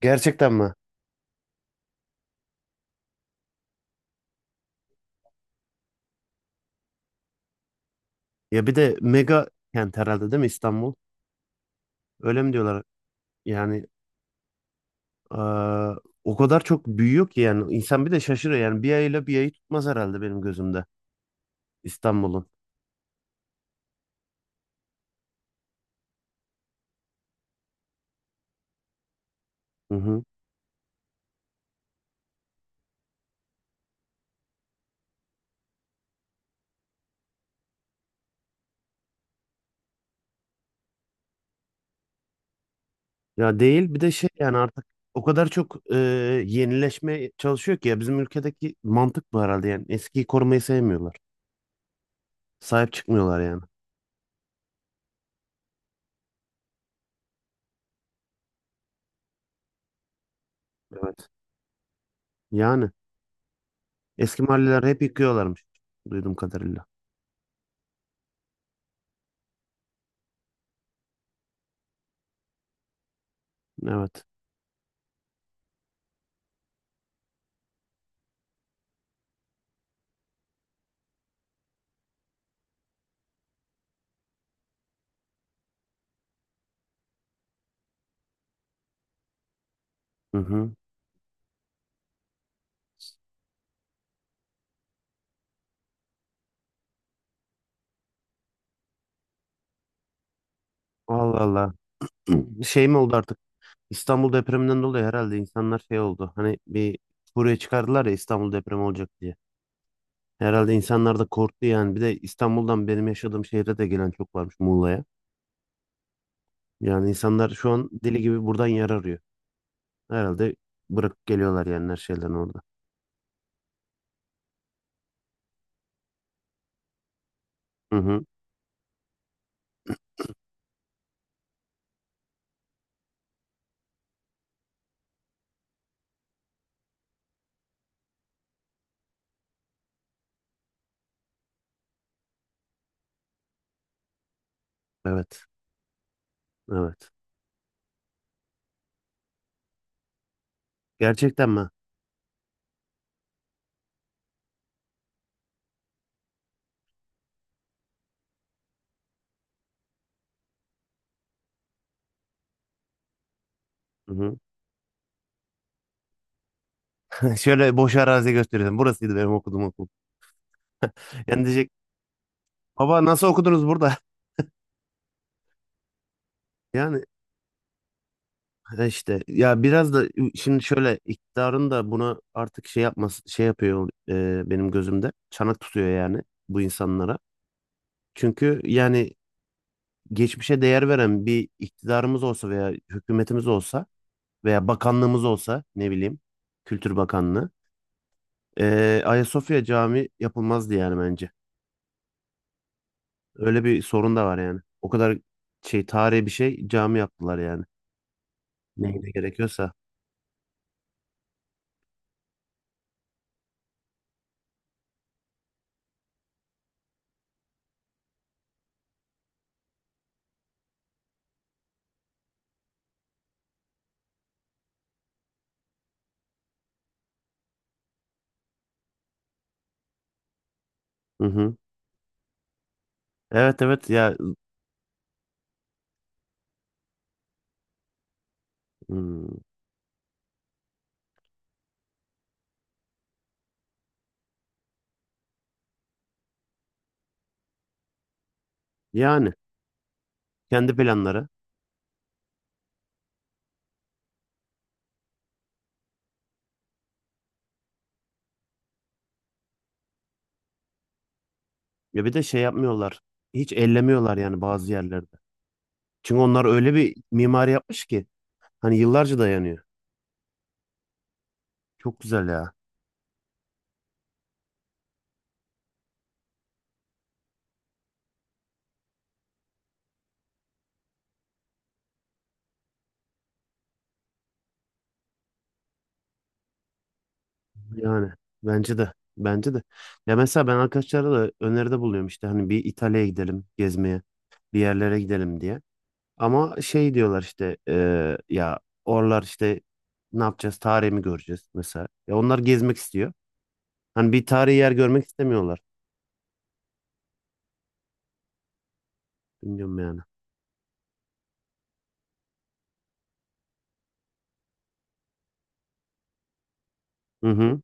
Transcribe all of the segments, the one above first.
Gerçekten mi? Ya bir de mega kent herhalde değil mi İstanbul? Öyle mi diyorlar? Yani eee, o kadar çok büyüyor ki yani insan bir de şaşırıyor. Yani bir ayıyla bir ayı tutmaz herhalde benim gözümde İstanbul'un. Hı hı. Ya değil bir de şey yani artık o kadar çok yenileşmeye çalışıyor ki ya bizim ülkedeki mantık bu herhalde yani eskiyi korumayı sevmiyorlar. Sahip çıkmıyorlar yani. Evet. Yani eski mahalleler hep yıkıyorlarmış duyduğum kadarıyla. Evet. Hı hı. Allah Allah. Şey mi oldu artık? İstanbul depreminden dolayı herhalde insanlar şey oldu. Hani bir buraya çıkardılar ya İstanbul depremi olacak diye. Herhalde insanlar da korktu yani. Bir de İstanbul'dan benim yaşadığım şehre de gelen çok varmış Muğla'ya. Yani insanlar şu an deli gibi buradan yer arıyor. Herhalde bırakıp geliyorlar yani her şeyden orada. Hı hı. Evet. Evet. Gerçekten mi? Hı hı. Şöyle boş arazi gösteriyorum. Burasıydı benim okuduğum okul. Yani diyecek, baba nasıl okudunuz burada? Yani. Ha, işte ya biraz da şimdi şöyle iktidarın da bunu artık şey yapması şey yapıyor, benim gözümde çanak tutuyor yani bu insanlara. Çünkü yani geçmişe değer veren bir iktidarımız olsa veya hükümetimiz olsa veya bakanlığımız olsa ne bileyim Kültür Bakanlığı, Ayasofya Camii yapılmazdı yani bence. Öyle bir sorun da var yani. O kadar şey tarihi bir şey cami yaptılar yani. Neyine gerekiyorsa. Hı hı. Evet, evet ya, hmm, yani. Kendi planları. Ya bir de şey yapmıyorlar. Hiç ellemiyorlar yani bazı yerlerde. Çünkü onlar öyle bir mimari yapmış ki hani yıllarca dayanıyor. Çok güzel ya. Yani bence de. Bence de. Ya mesela ben arkadaşlara da öneride buluyorum işte hani bir İtalya'ya gidelim gezmeye, bir yerlere gidelim diye. Ama şey diyorlar işte ya oralar işte ne yapacağız? Tarihi mi göreceğiz mesela? Ya onlar gezmek istiyor. Hani bir tarihi yer görmek istemiyorlar. Bilmiyorum yani. Hı hı.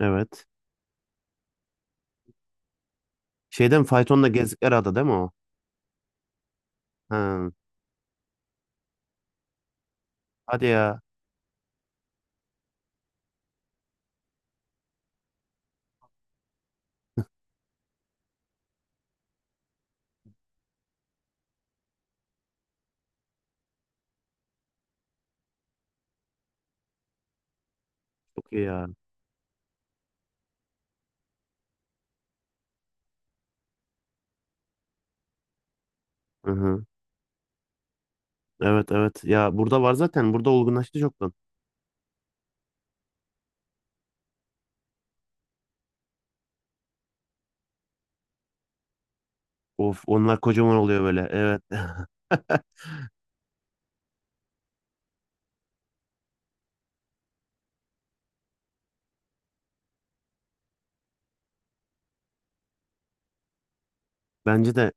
Evet. Şeyden faytonla gezdikleri ada değil mi o? Ha. Hadi ya. Çok iyi ya. Hı hı. Evet, evet. Ya burada var zaten. Burada olgunlaştı çoktan. Of, onlar kocaman oluyor böyle. Evet. Bence de.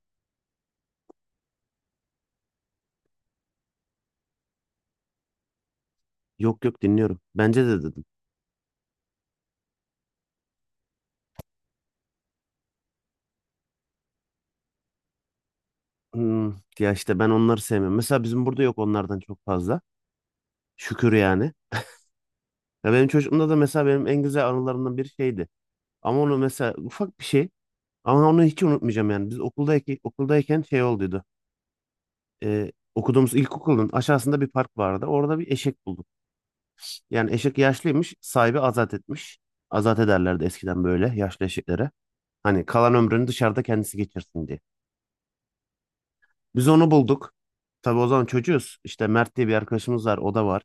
Yok, yok, dinliyorum. Bence de dedim. Hmm, Ya işte ben onları sevmiyorum. Mesela bizim burada yok onlardan çok fazla. Şükür yani. Ya benim çocukluğumda da mesela benim en güzel anılarımdan bir şeydi. Ama onu mesela ufak bir şey. Ama onu hiç unutmayacağım yani. Biz okuldayken şey olduydu. Okuduğumuz ilkokulun aşağısında bir park vardı. Orada bir eşek bulduk. Yani eşek yaşlıymış, sahibi azat etmiş. Azat ederlerdi eskiden böyle yaşlı eşeklere. Hani kalan ömrünü dışarıda kendisi geçirsin diye. Biz onu bulduk. Tabii o zaman çocuğuz. İşte Mert diye bir arkadaşımız var, o da var.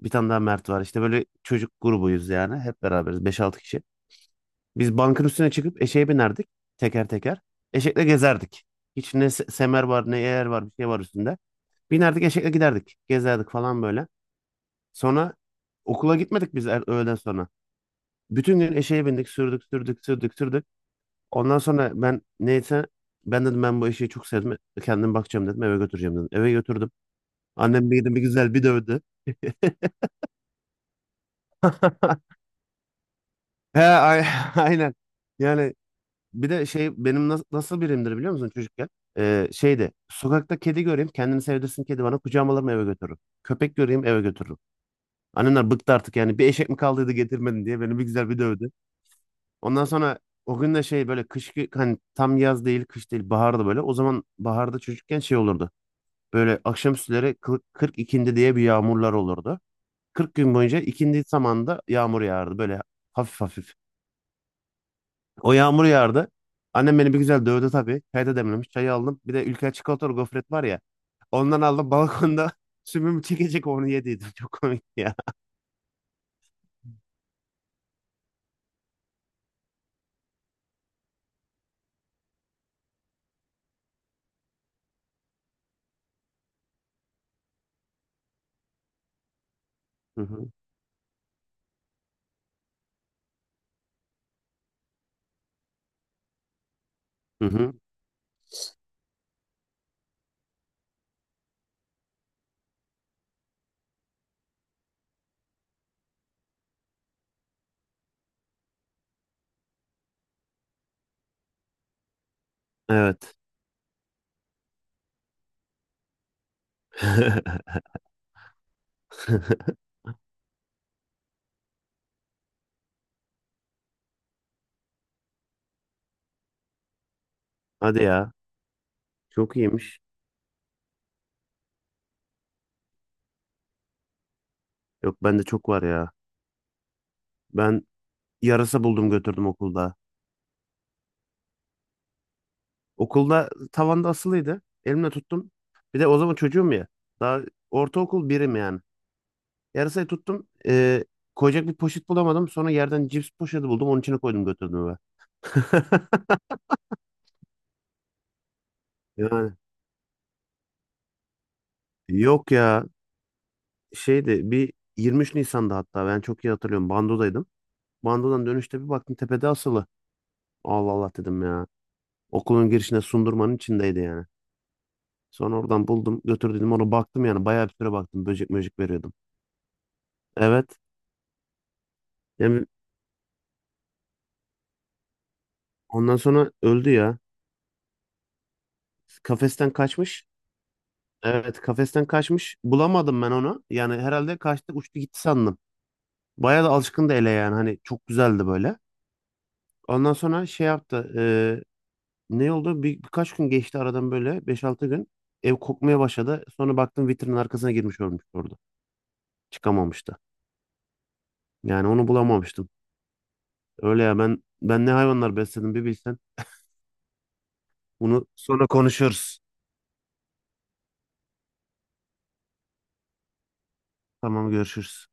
Bir tane daha Mert var. İşte böyle çocuk grubuyuz yani. Hep beraberiz, beş altı kişi. Biz bankın üstüne çıkıp eşeğe binerdik teker teker. Eşekle gezerdik. Hiç ne semer var, ne eğer var, bir şey var üstünde. Binerdik, eşekle giderdik. Gezerdik falan böyle. Sonra okula gitmedik biz öğleden sonra. Bütün gün eşeğe bindik, sürdük, sürdük, sürdük, sürdük. Ondan sonra ben, neyse, ben dedim, ben bu eşeği çok sevdim. Kendim bakacağım dedim, eve götüreceğim dedim. Eve götürdüm. Annem bir gidin bir güzel bir dövdü. He. Aynen. Yani bir de şey benim nasıl birimdir biliyor musun çocukken? Şeydi, sokakta kedi göreyim kendini sevdirsin kedi bana, kucağıma alırım eve götürürüm. Köpek göreyim eve götürürüm. Annemler bıktı artık yani, bir eşek mi kaldıydı getirmedin diye beni bir güzel bir dövdü. Ondan sonra o gün de şey böyle hani tam yaz değil kış değil baharda böyle. O zaman baharda çocukken şey olurdu. Böyle akşamüstleri 40 ikindi diye bir yağmurlar olurdu. 40 gün boyunca ikindi zamanında yağmur yağardı böyle hafif hafif. O yağmur yağardı. Annem beni bir güzel dövdü tabii. Çay da demlemiş. Çayı aldım. Bir de Ülker çikolatalı gofret var ya. Ondan aldım balkonda sümüm çekecek onu yediydim. Çok komik ya. Hı hı. Hı hı. Evet. Hadi ya. Çok iyiymiş. Yok, bende çok var ya. Ben yarasa buldum götürdüm okulda. Okulda tavanda asılıydı. Elimle tuttum. Bir de o zaman çocuğum ya. Daha ortaokul birim yani. Yarasayı tuttum. Koyacak bir poşet bulamadım. Sonra yerden cips poşeti buldum. Onun içine koydum götürdüm eve. Yani Yok ya, şeydi bir 23 Nisan'da, hatta ben çok iyi hatırlıyorum, Bando'daydım. Bando'dan dönüşte bir baktım tepede asılı. Allah Allah dedim ya. Okulun girişine sundurmanın içindeydi yani. Sonra oradan buldum götürdüm onu, baktım yani bayağı bir süre baktım, böcek möcek veriyordum. Evet. Yani ondan sonra öldü ya. Kafesten kaçmış. Evet, kafesten kaçmış. Bulamadım ben onu. Yani herhalde kaçtı uçtu gitti sandım. Bayağı da alışkındı ele yani, hani çok güzeldi böyle. Ondan sonra şey yaptı. Ne oldu? Birkaç gün geçti aradan böyle beş altı gün. Ev kokmaya başladı. Sonra baktım vitrinin arkasına girmiş ölmüş orada. Çıkamamıştı. Yani onu bulamamıştım. Öyle ya ben ne hayvanlar besledim bir bilsen. Bunu sonra konuşuruz. Tamam, görüşürüz.